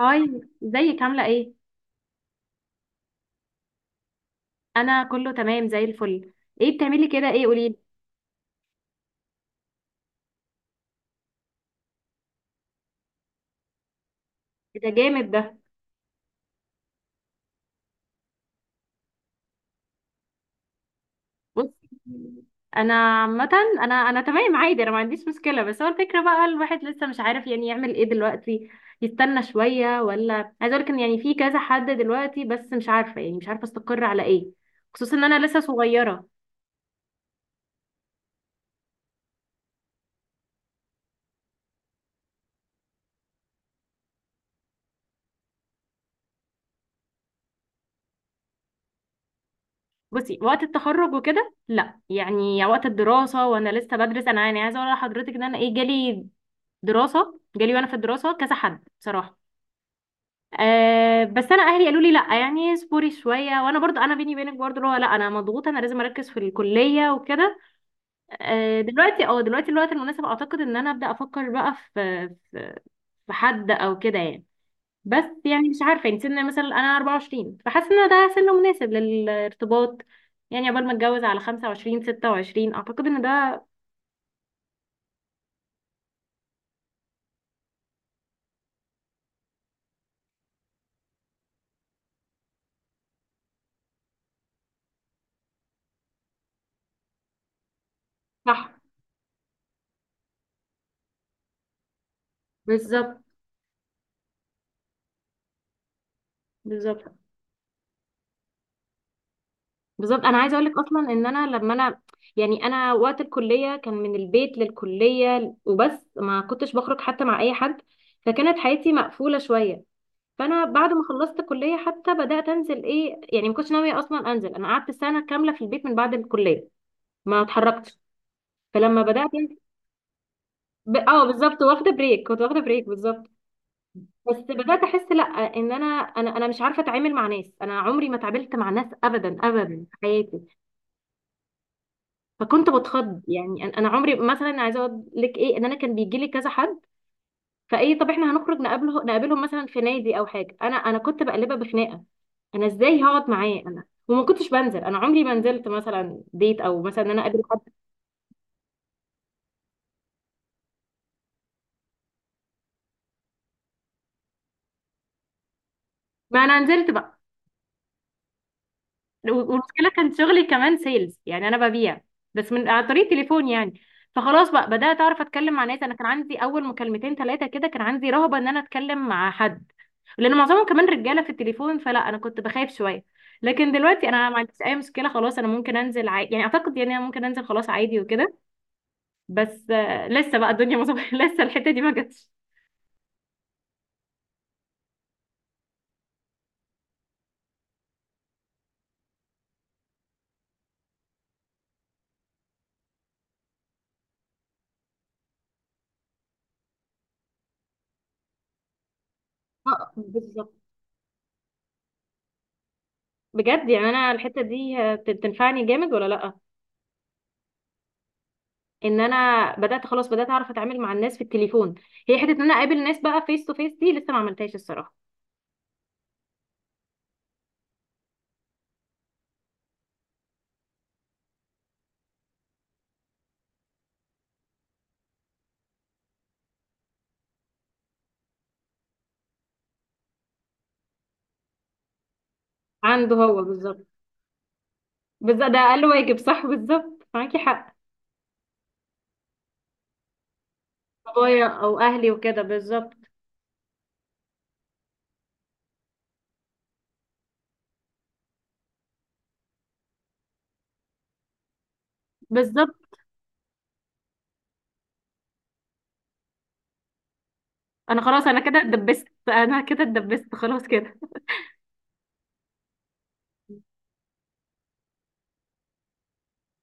هاي، ازيك عاملة ايه؟ انا كله تمام زي الفل. ايه بتعملي كده، ايه قوليلي. ده جامد ده. بصي، انا عامة انا تمام عادي، انا ما عنديش مشكلة، بس هو الفكرة بقى الواحد لسه مش عارف يعني يعمل ايه دلوقتي، يستنى شوية ولا. عايزة اقولك ان يعني في كذا حد دلوقتي، بس مش عارفة استقر على ايه. خصوصا ان انا لسه صغيرة. بصي وقت التخرج وكده لا، يعني وقت الدراسة وانا لسه بدرس، انا يعني عايزة اقول لحضرتك ان انا ايه جالي. دراسة جالي وانا في الدراسة كذا حد بصراحة. أه، بس انا اهلي قالوا لي لا، يعني اصبري شويه، وانا برضو انا بيني وبينك برضو اللي هو لا، انا مضغوطه، انا لازم اركز في الكليه وكده. أه دلوقتي اه دلوقتي الوقت المناسب، اعتقد ان انا ابدا افكر بقى في حد او كده يعني. بس يعني مش عارفه، يعني سن مثلا انا 24، فحاسه ان ده سن مناسب للارتباط. يعني قبل ما اتجوز على 25، 26، اعتقد ان ده صح. بالظبط، بالظبط. بالظبط انا عايزه اقول لك اصلا ان انا لما انا، يعني انا وقت الكليه كان من البيت للكليه وبس، ما كنتش بخرج حتى مع اي حد، فكانت حياتي مقفوله شويه. فانا بعد ما خلصت كليه حتى بدات انزل، ايه يعني ما كنتش ناويه اصلا انزل، انا قعدت سنه كامله في البيت من بعد الكليه. ما اتحركتش. فلما بدات أنزل- ب... اه بالظبط، واخده بريك، كنت واخده بريك بالظبط. بس بدات احس لا، ان انا مش عارفه اتعامل مع ناس، انا عمري ما اتعاملت مع ناس ابدا ابدا في حياتي. فكنت بتخض، يعني انا عمري مثلا عايزه اقول لك ايه، ان انا كان بيجي لي كذا حد، فايه طب احنا هنخرج نقابله نقابلهم مثلا في نادي او حاجه، انا كنت بقلبها بخناقه. انا ازاي هقعد معاه انا، وما كنتش بنزل، انا عمري ما نزلت مثلا ديت او مثلا ان انا اقابل حد. ما انا نزلت بقى. والمشكله كان شغلي كمان سيلز، يعني انا ببيع بس من عن طريق تليفون يعني. فخلاص بقى بدات اعرف اتكلم مع ناس، انا كان عندي اول مكالمتين ثلاثه كده كان عندي رهبه ان انا اتكلم مع حد، لان معظمهم كمان رجاله في التليفون، فلا انا كنت بخاف شويه. لكن دلوقتي انا ما عنديش اي مشكله، خلاص انا ممكن انزل عادي، يعني اعتقد يعني انا ممكن انزل خلاص عادي وكده. بس لسه بقى الدنيا مظبوطه لسه الحته دي ما جاتش. بالظبط. بجد يعني انا الحته دي بتنفعني جامد ولا لا. ان انا بدات خلاص بدات اعرف اتعامل مع الناس في التليفون. هي حته ان انا اقابل ناس بقى فيس تو فيس، دي لسه ما عملتهاش الصراحه. عنده هو بالظبط. بالظبط، ده اقل واجب، صح، بالظبط معاكي حق. بابايا او اهلي وكده بالظبط. بالظبط، انا خلاص انا كده اتدبست، انا كده اتدبست خلاص كده.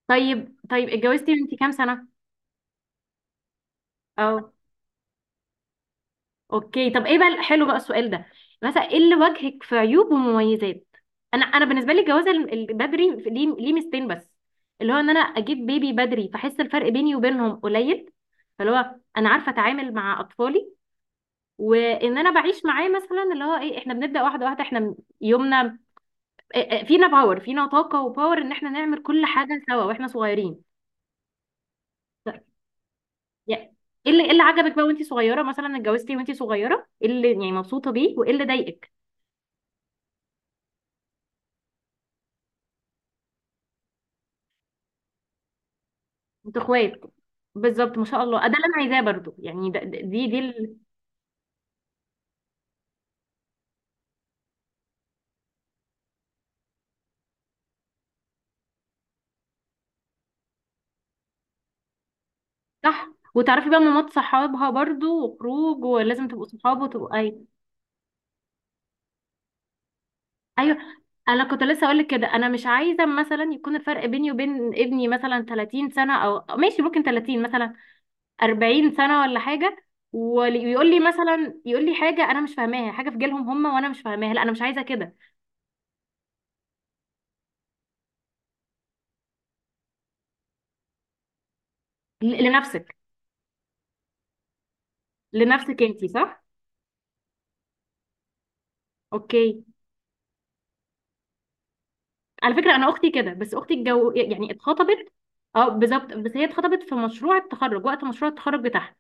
طيب طيب، اتجوزتي وانتي كام سنه؟ اه، اوكي. طب ايه بقى حلو بقى السؤال ده، مثلا ايه اللي وجهك في عيوب ومميزات. انا بالنسبه لي الجواز بدري ليه، ليه ميزتين بس، اللي هو ان انا اجيب بيبي بدري فاحس الفرق بيني وبينهم قليل، فاللي هو انا عارفه اتعامل مع اطفالي. وان انا بعيش معاه مثلا اللي هو ايه، احنا بنبدا واحده واحده، احنا يومنا إيه- إيه، فينا باور، فينا طاقه وباور ان احنا نعمل كل حاجه سوا واحنا صغيرين. ف- يا- ايه اللي، ايه اللي عجبك بقى وانتي صغيره، مثلا اتجوزتي وانتي صغيره ايه اللي يعني مبسوطه بيه وايه اللي ضايقك. انتوا اخوات. بالظبط، ما شاء الله. ده اللي انا عايزاه برضو، يعني صح. وتعرفي بقى مامات صحابها برضو، وخروج، ولازم تبقوا صحاب وتبقوا اي. ايوه، انا كنت لسه اقول لك كده، انا مش عايزه مثلا يكون الفرق بيني وبين ابني مثلا 30 سنه او أو ماشي، ممكن 30 مثلا، 40 سنه ولا حاجه، ويقول لي مثلا يقول لي حاجه انا مش فاهماها، حاجه في جيلهم هم وانا مش فاهماها، لا انا مش عايزه كده. لنفسك، لنفسك انتي صح. اوكي. على فكرة أنا أختي كده، بس أختي الجو يعني اتخطبت. اه بالظبط، بس هي اتخطبت في مشروع التخرج، وقت مشروع التخرج بتاعها.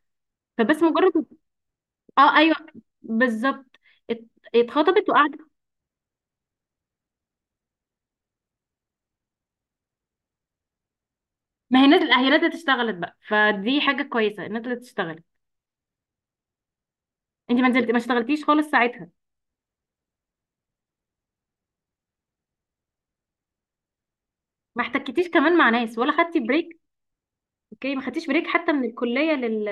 فبس مجرد. اه ايوه بالظبط. ات- اتخطبت وقعدت. ما هي نزلت، هي نزلت اشتغلت بقى، فدي حاجة كويسة، نزلت اشتغلت. انت ما نزلت، ما اشتغلتيش خالص ساعتها. ما احتكتيش كمان مع ناس، ولا خدتي بريك. اوكي، ما خدتيش بريك حتى من الكلية لل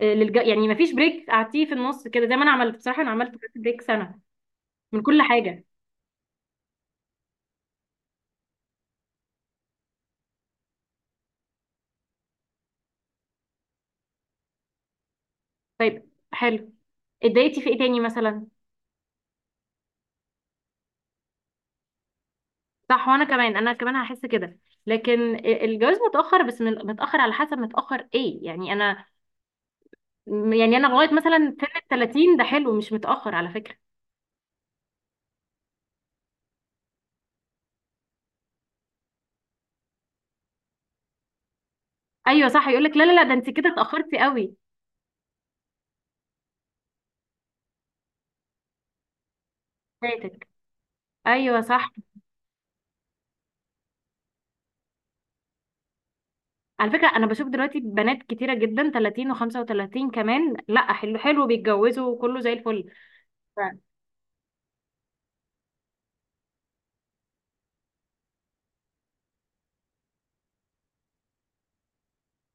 يعني ما فيش بريك قعدتيه في النص كده زي ما انا عملت، بصراحة انا عملت بريك سنة من كل حاجة. طيب حلو، اتضايقتي في ايه تاني مثلا. صح، وانا كمان، انا كمان هحس كده. لكن الجواز متاخر، بس متاخر على حسب، متاخر ايه يعني، انا يعني انا لغايه مثلا سن ال 30 ده حلو، مش متاخر على فكره. ايوه صح، يقول لك لا لا لا، ده انت كده اتاخرتي قوي، فاتك. ايوه صح. على فكره انا بشوف دلوقتي بنات كتيره جدا 30 و35 كمان، لا حلو حلو، بيتجوزوا وكله زي الفل. ف-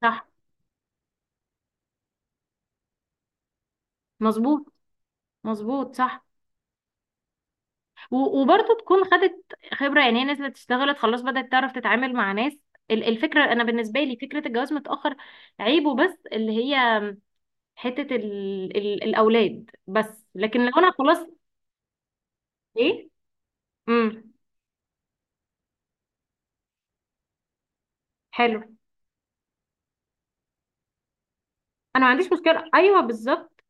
صح، مظبوط، مظبوط صح. و- وبرضه، تكون خدت خبرة، يعني هي نزلت اشتغلت خلاص بدأت تعرف تتعامل مع ناس. الفكرة، أنا بالنسبة لي فكرة الجواز متأخر، عيبه بس اللي هي حتة ال الأولاد بس. لكن لو أنا خلاص. إيه؟ امم. حلو، أنا ما عنديش مشكلة، أيوه بالظبط.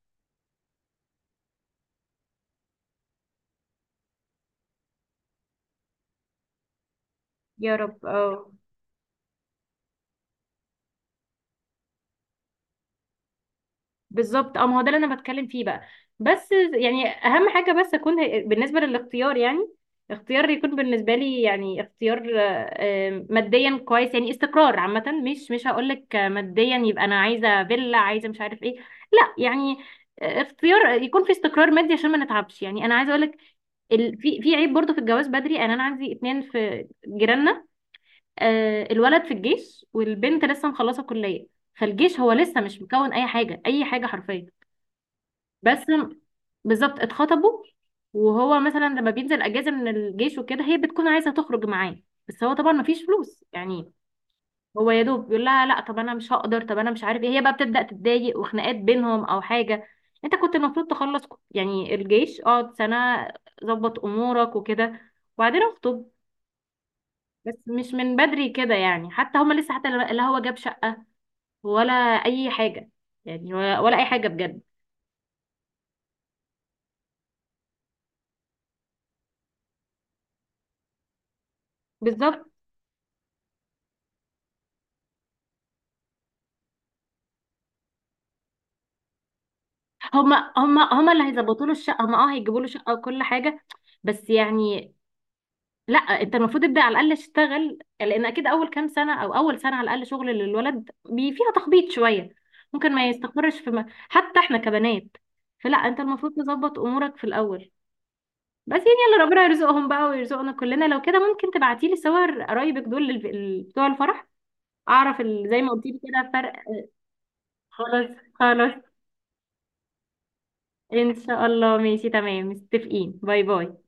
يا رب اه. بالظبط اه، ما هو ده اللي انا بتكلم فيه بقى. بس يعني اهم حاجه بس اكون، بالنسبه للاختيار يعني، اختيار يكون بالنسبه لي، يعني اختيار ماديا كويس، يعني استقرار عامه، مش مش هقول لك ماديا يبقى انا عايزه فيلا، عايزه مش عارف ايه، لا يعني، اختيار يكون في استقرار مادي عشان ما نتعبش، يعني انا عايزه اقول لك ال... في في عيب برضه في الجواز بدري، يعني انا عندي اتنين في جيراننا. الولد في الجيش والبنت لسه مخلصه كليه، فالجيش هو لسه مش مكون اي حاجه، اي حاجه حرفيا. بس بالظبط اتخطبوا، وهو مثلا لما بينزل اجازه من الجيش وكده، هي بتكون عايزه تخرج معاه، بس هو طبعا مفيش فلوس يعني. هو يا دوب بيقول لها لا، طب انا مش هقدر، طب انا مش عارف ايه، هي بقى بتبدا تتضايق وخناقات بينهم او حاجه. انت كنت المفروض تخلص يعني الجيش، اقعد سنه، ظبط امورك وكده، وبعدين اخطب. بس مش من بدري كده، يعني حتى هما لسه، حتى لا هو جاب شقه ولا اي حاجه، يعني ولا اي حاجه بجد. بالظبط، هما اللي هيظبطوا له الشقه، هما اه هيجيبوا له شقه وكل حاجه. بس يعني لا، انت المفروض تبدا على الاقل تشتغل، لان اكيد اول كام سنه او اول سنه على الاقل شغل للولد بي فيها تخبيط شويه، ممكن ما يستقرش في حتى احنا كبنات، فلا انت المفروض تظبط امورك في الاول. بس يعني يلا ربنا يرزقهم بقى ويرزقنا كلنا. لو كده ممكن تبعتي لي صور قرايبك دول بتوع الفرح، اعرف ال... زي ما قلتي لي كده فرق. خلاص، خلاص. ان شاء الله، ماشي تمام، متفقين، باي باي.